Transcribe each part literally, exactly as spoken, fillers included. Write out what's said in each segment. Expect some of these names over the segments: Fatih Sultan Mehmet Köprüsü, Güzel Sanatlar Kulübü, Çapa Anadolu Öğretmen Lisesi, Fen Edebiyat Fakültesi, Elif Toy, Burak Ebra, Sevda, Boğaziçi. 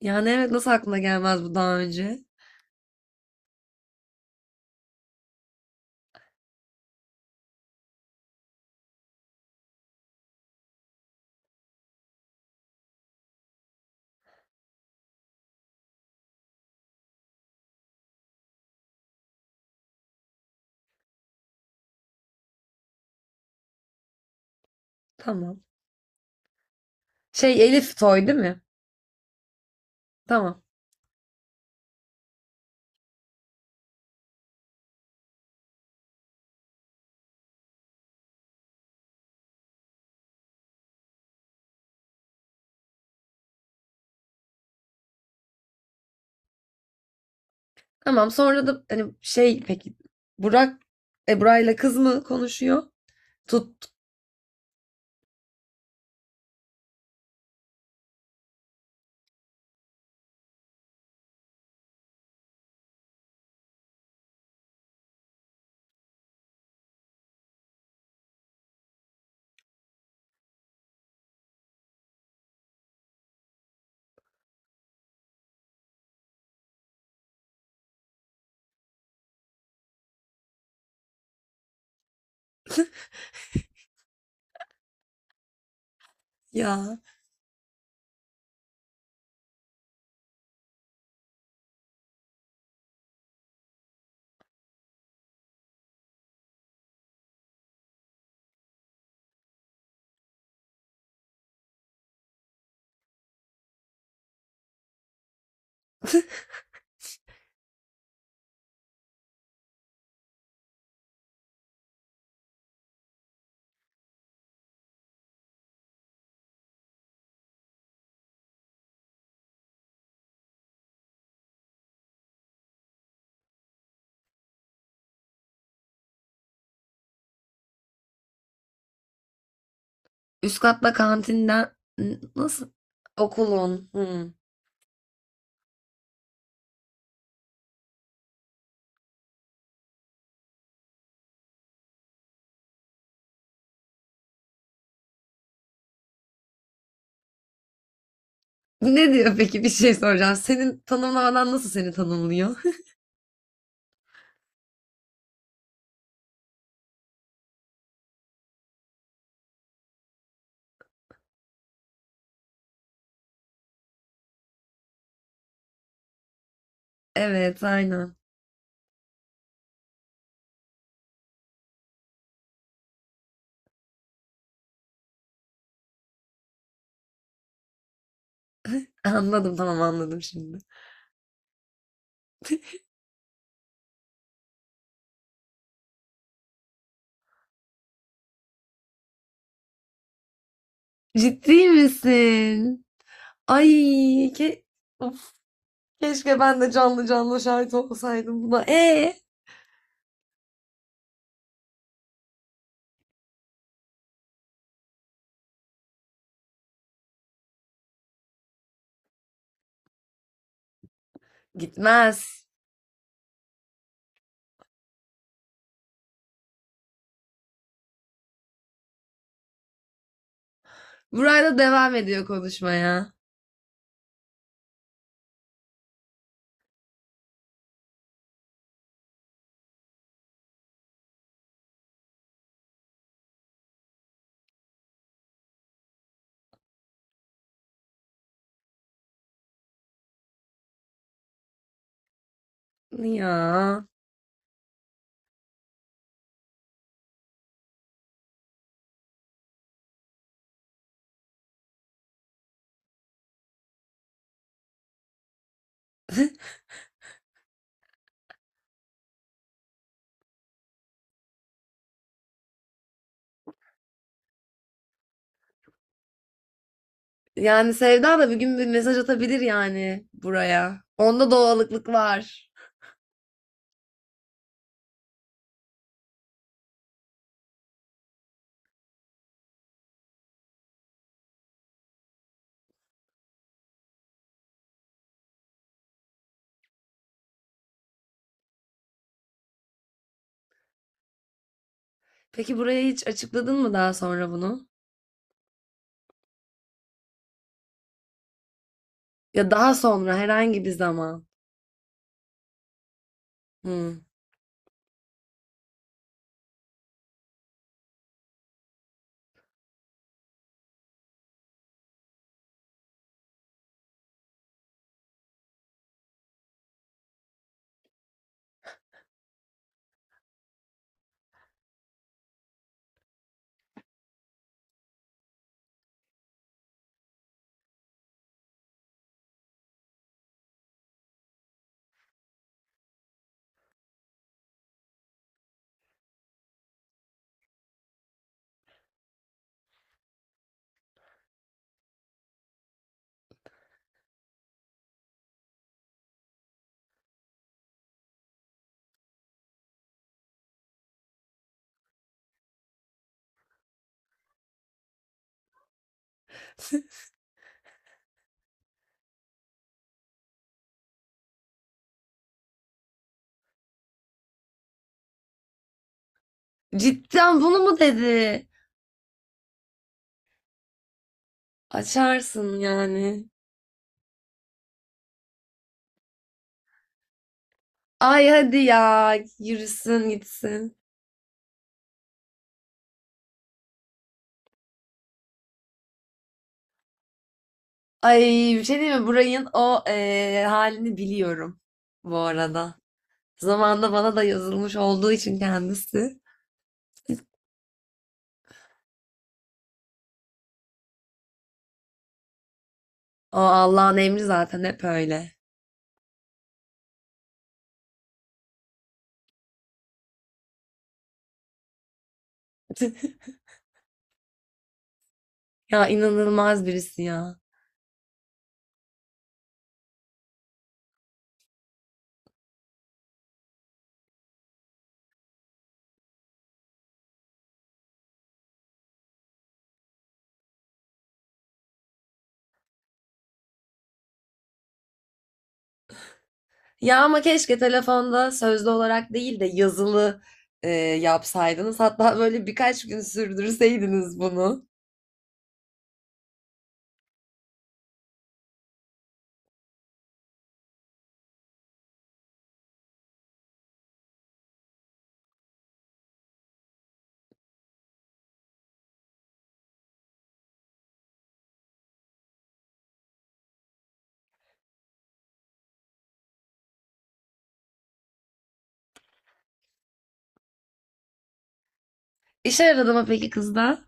Yani evet, nasıl aklına gelmez bu daha önce? Tamam. Şey, Elif Toy değil mi? Tamam. Tamam, sonra da hani şey, peki Burak Ebra'yla kız mı konuşuyor? Tut ya. Üst katta kantinden N- nasıl okulun? Hmm. Ne diyor peki, bir şey soracağım. Senin tanımlamadan nasıl seni tanımlıyor? Evet, aynen. Anladım, tamam, anladım şimdi. Ciddi misin? Ay ke of, keşke ben de canlı canlı şahit olsaydım buna. E gitmez. Burayla devam ediyor konuşmaya. Ya. Yani Sevda da bir gün bir mesaj atabilir yani buraya. Onda doğallıklık var. Peki buraya hiç açıkladın mı daha sonra bunu? Ya daha sonra herhangi bir zaman. Hmm. Cidden bunu mu dedi? Açarsın yani. Ay hadi ya, yürüsün gitsin. Ay, bir şey diyeyim mi? Burayın o eee, halini biliyorum bu arada. Zamanında bana da yazılmış olduğu için kendisi. O Allah'ın emri zaten, hep öyle. Ya inanılmaz birisi ya. Ya ama keşke telefonda sözlü olarak değil de yazılı eee, yapsaydınız. Hatta böyle birkaç gün sürdürseydiniz bunu. İşe yaradı mı peki kızda?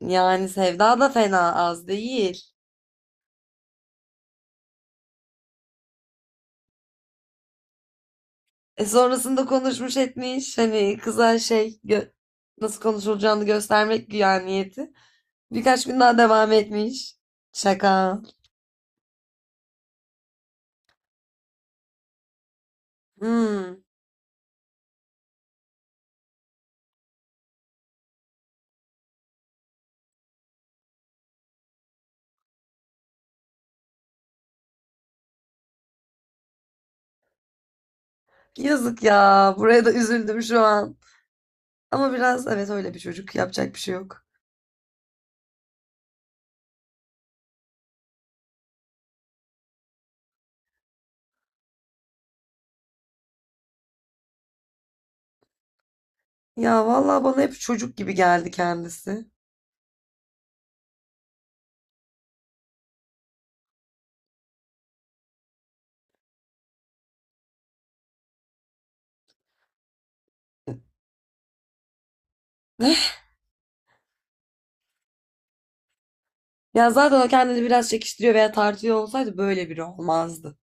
Yani Sevda da fena az değil. E sonrasında konuşmuş etmiş hani kıza şey gö- nasıl konuşulacağını göstermek güya niyeti. Birkaç gün daha devam etmiş. Şaka. Hmm. Yazık ya. Buraya da üzüldüm şu an. Ama biraz evet, öyle bir çocuk. Yapacak bir şey yok. Ya vallahi bana hep çocuk gibi geldi kendisi. Ya zaten o kendini biraz çekiştiriyor veya tartıyor olsaydı böyle biri olmazdı.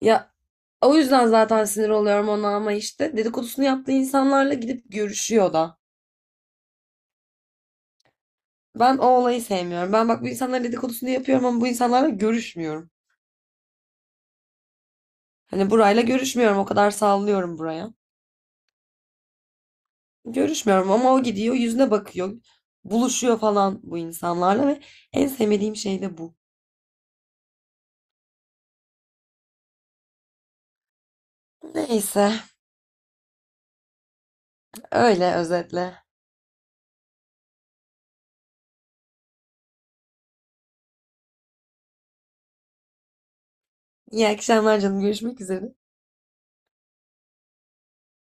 Ya o yüzden zaten sinir oluyorum ona, ama işte dedikodusunu yaptığı insanlarla gidip görüşüyor da. Ben o olayı sevmiyorum. Ben bak, bu insanların dedikodusunu yapıyorum ama bu insanlarla görüşmüyorum. Hani burayla görüşmüyorum. O kadar sallıyorum buraya. Görüşmüyorum ama o gidiyor yüzüne bakıyor. Buluşuyor falan bu insanlarla ve en sevmediğim şey de bu. Neyse, öyle özetle. İyi akşamlar canım. Görüşmek üzere.